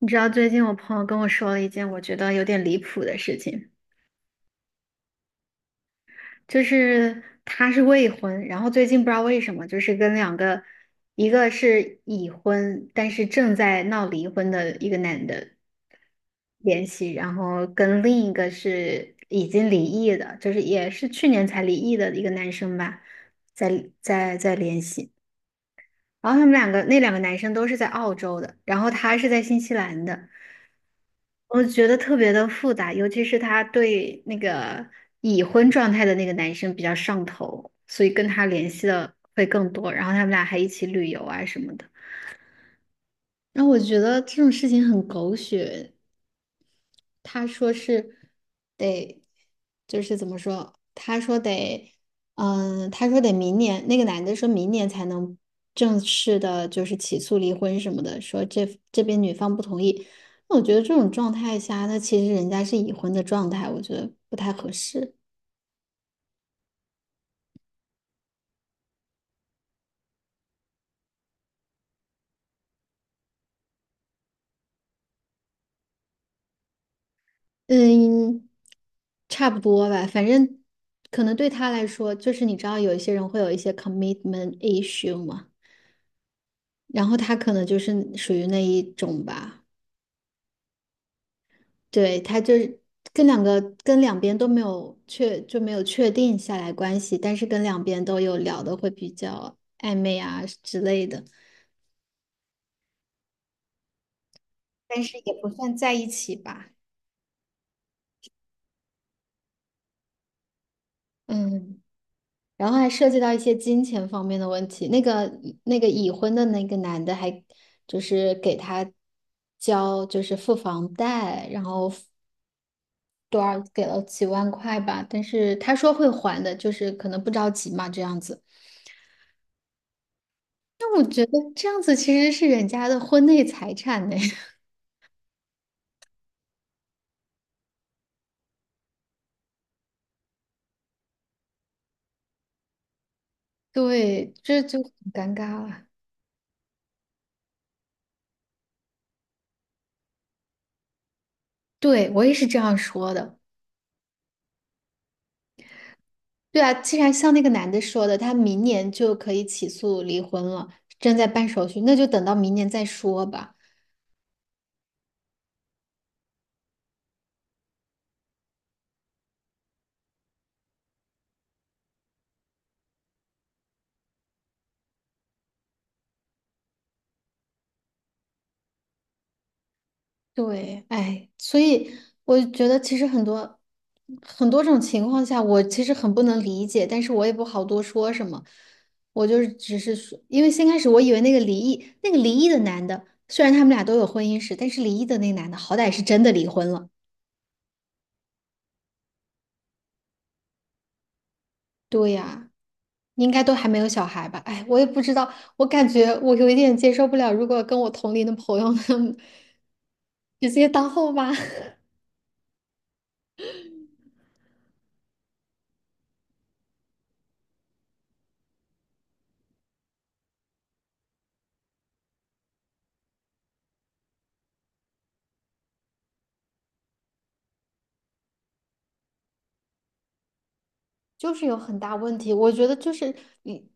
你知道最近我朋友跟我说了一件我觉得有点离谱的事情，就是他是未婚，然后最近不知道为什么，就是跟两个，一个是已婚，但是正在闹离婚的一个男的联系，然后跟另一个是已经离异的，就是也是去年才离异的一个男生吧，在联系。然后他们两个那两个男生都是在澳洲的，然后他是在新西兰的，我觉得特别的复杂，尤其是他对那个已婚状态的那个男生比较上头，所以跟他联系的会更多，然后他们俩还一起旅游啊什么的。然后我觉得这种事情很狗血，他说是得，就是怎么说？他说得，他说得明年，那个男的说明年才能正式的，就是起诉离婚什么的，说这边女方不同意。那我觉得这种状态下，那其实人家是已婚的状态，我觉得不太合适。嗯，差不多吧，反正可能对他来说，就是你知道有一些人会有一些 commitment issue 嘛，然后他可能就是属于那一种吧。对，他就是跟两边都没有确定下来关系，但是跟两边都有聊的会比较暧昧啊之类的，但是也不算在一起吧。嗯，然后还涉及到一些金钱方面的问题。那个已婚的那个男的还就是给他就是付房贷，然后多少给了几万块吧，但是他说会还的，就是可能不着急嘛这样子。觉得这样子其实是人家的婚内财产呢，对，这就很尴尬了。对，我也是这样说的。对啊，既然像那个男的说的，他明年就可以起诉离婚了，正在办手续，那就等到明年再说吧。对，哎，所以我觉得其实很多很多种情况下，我其实很不能理解，但是我也不好多说什么。我就是只是说，因为先开始我以为那个离异的男的，虽然他们俩都有婚姻史，但是离异的那个男的好歹是真的离婚了。对呀，应该都还没有小孩吧？哎，我也不知道，我感觉我有一点接受不了，如果跟我同龄的朋友他们 直接当后妈。就是有很大问题。我觉得就是你，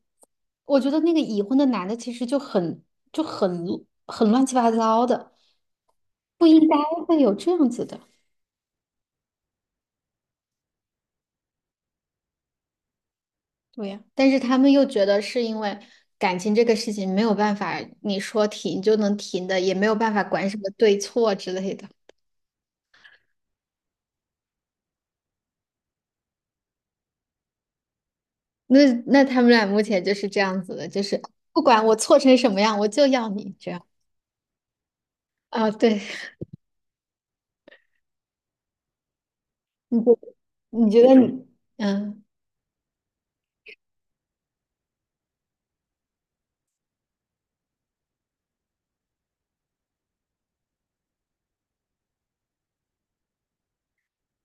我觉得那个已婚的男的其实就很就很很乱七八糟的，不应该会有这样子的。对呀，但是他们又觉得是因为感情这个事情没有办法，你说停就能停的，也没有办法管什么对错之类的。那他们俩目前就是这样子的，就是不管我错成什么样，我就要你这样啊。对，你觉你觉得你嗯？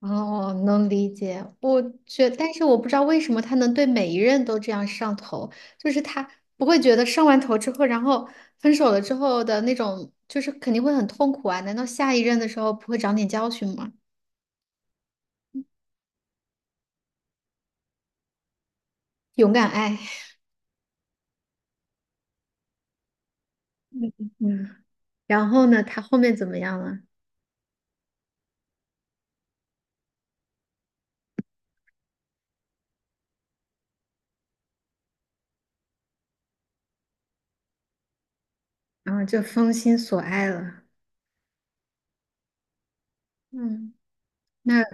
哦，能理解。但是我不知道为什么他能对每一任都这样上头，就是他不会觉得上完头之后，然后分手了之后的那种，就是肯定会很痛苦啊。难道下一任的时候不会长点教训吗？勇敢爱，嗯嗯。然后呢，他后面怎么样了？然后就封心所爱了。嗯，那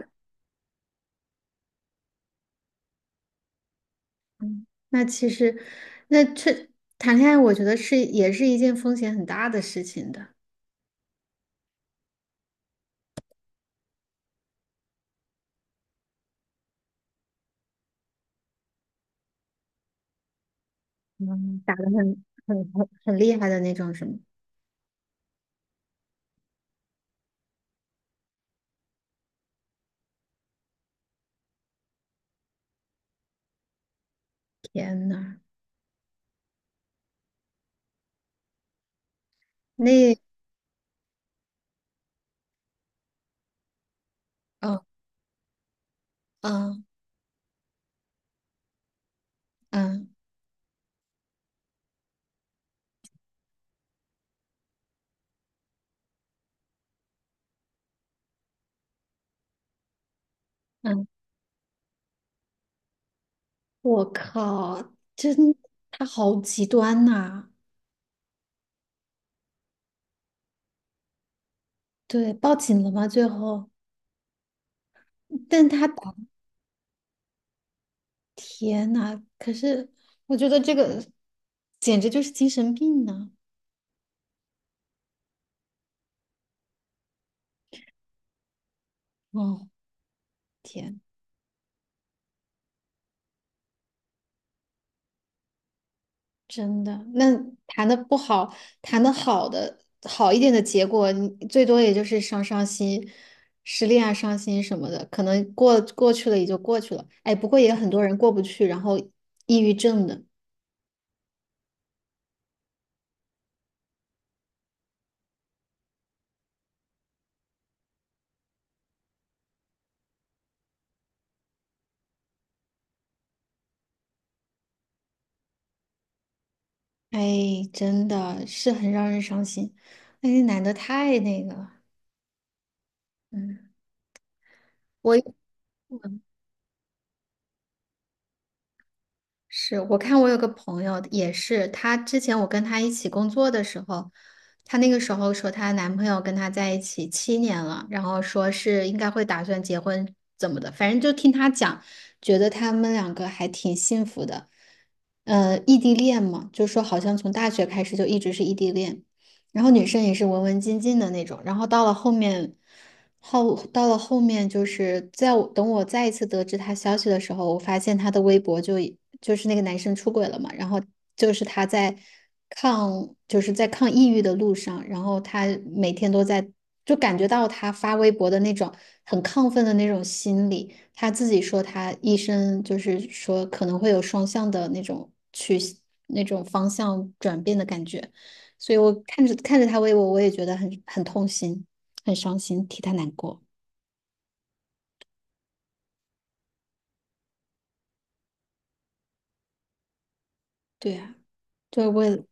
其实，那这谈恋爱，我觉得也是一件风险很大的事情的。嗯，打得很厉害的那种，什么？天呐，那，嗯嗯嗯嗯，我靠，真，他好极端呐、对，报警了吗？最后，但他打，天呐，可是我觉得这个简直就是精神病呢、哦，天。真的，那谈的不好，谈的好的好一点的结果，你最多也就是伤伤心，失恋啊、伤心什么的，可能过过去了也就过去了。哎，不过也有很多人过不去，然后抑郁症的，哎，真的是很让人伤心。哎那个男的太那个了，嗯，我是我看我有个朋友也是，她之前我跟她一起工作的时候，她那个时候说她男朋友跟她在一起7年了，然后说是应该会打算结婚怎么的，反正就听她讲，觉得他们两个还挺幸福的。异地恋嘛，就说好像从大学开始就一直是异地恋。然后女生也是文文静静的那种，然后到了后面，到了后面就是在我等我再一次得知他消息的时候，我发现他的微博就是那个男生出轨了嘛，然后就是他在就是在抗抑郁的路上，然后他每天都在就感觉到他发微博的那种很亢奋的那种心理，他自己说他医生就是说可能会有双向的那种那种方向转变的感觉。所以我看着看着他为我，我也觉得很痛心，很伤心，替他难过。对啊，对，我也，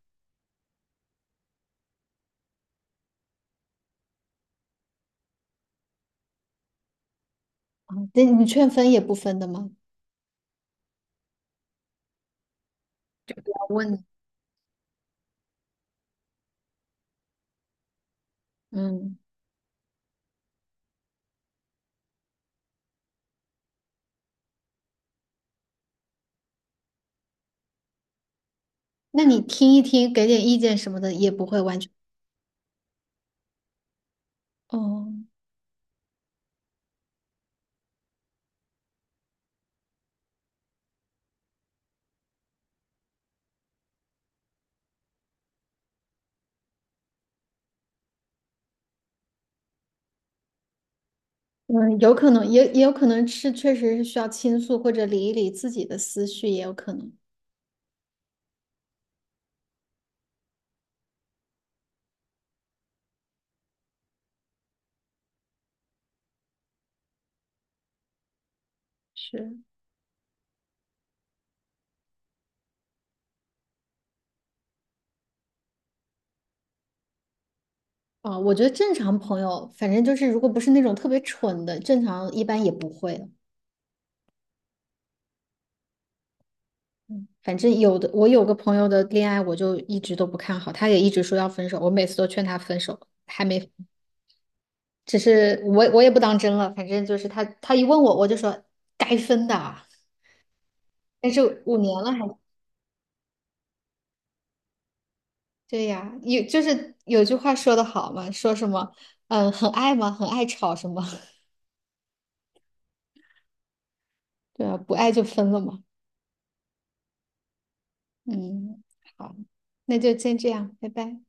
嗯那你劝分也不分的吗？我问你，嗯，那你听一听，给点意见什么的，也不会完全。哦，嗯，有可能，也也有可能是确实是需要倾诉或者理一理自己的思绪，也有可能是。啊。我觉得正常朋友，反正就是如果不是那种特别蠢的，正常一般也不会。反正有的，我有个朋友的恋爱，我就一直都不看好，他也一直说要分手，我每次都劝他分手，还没，只是我也不当真了，反正就是他一问我，我就说该分的啊，但是5年了还对呀，有就是有句话说的好嘛，说什么嗯很爱吗？很爱吵什么？对啊，不爱就分了嘛。嗯，好，那就先这样，拜拜。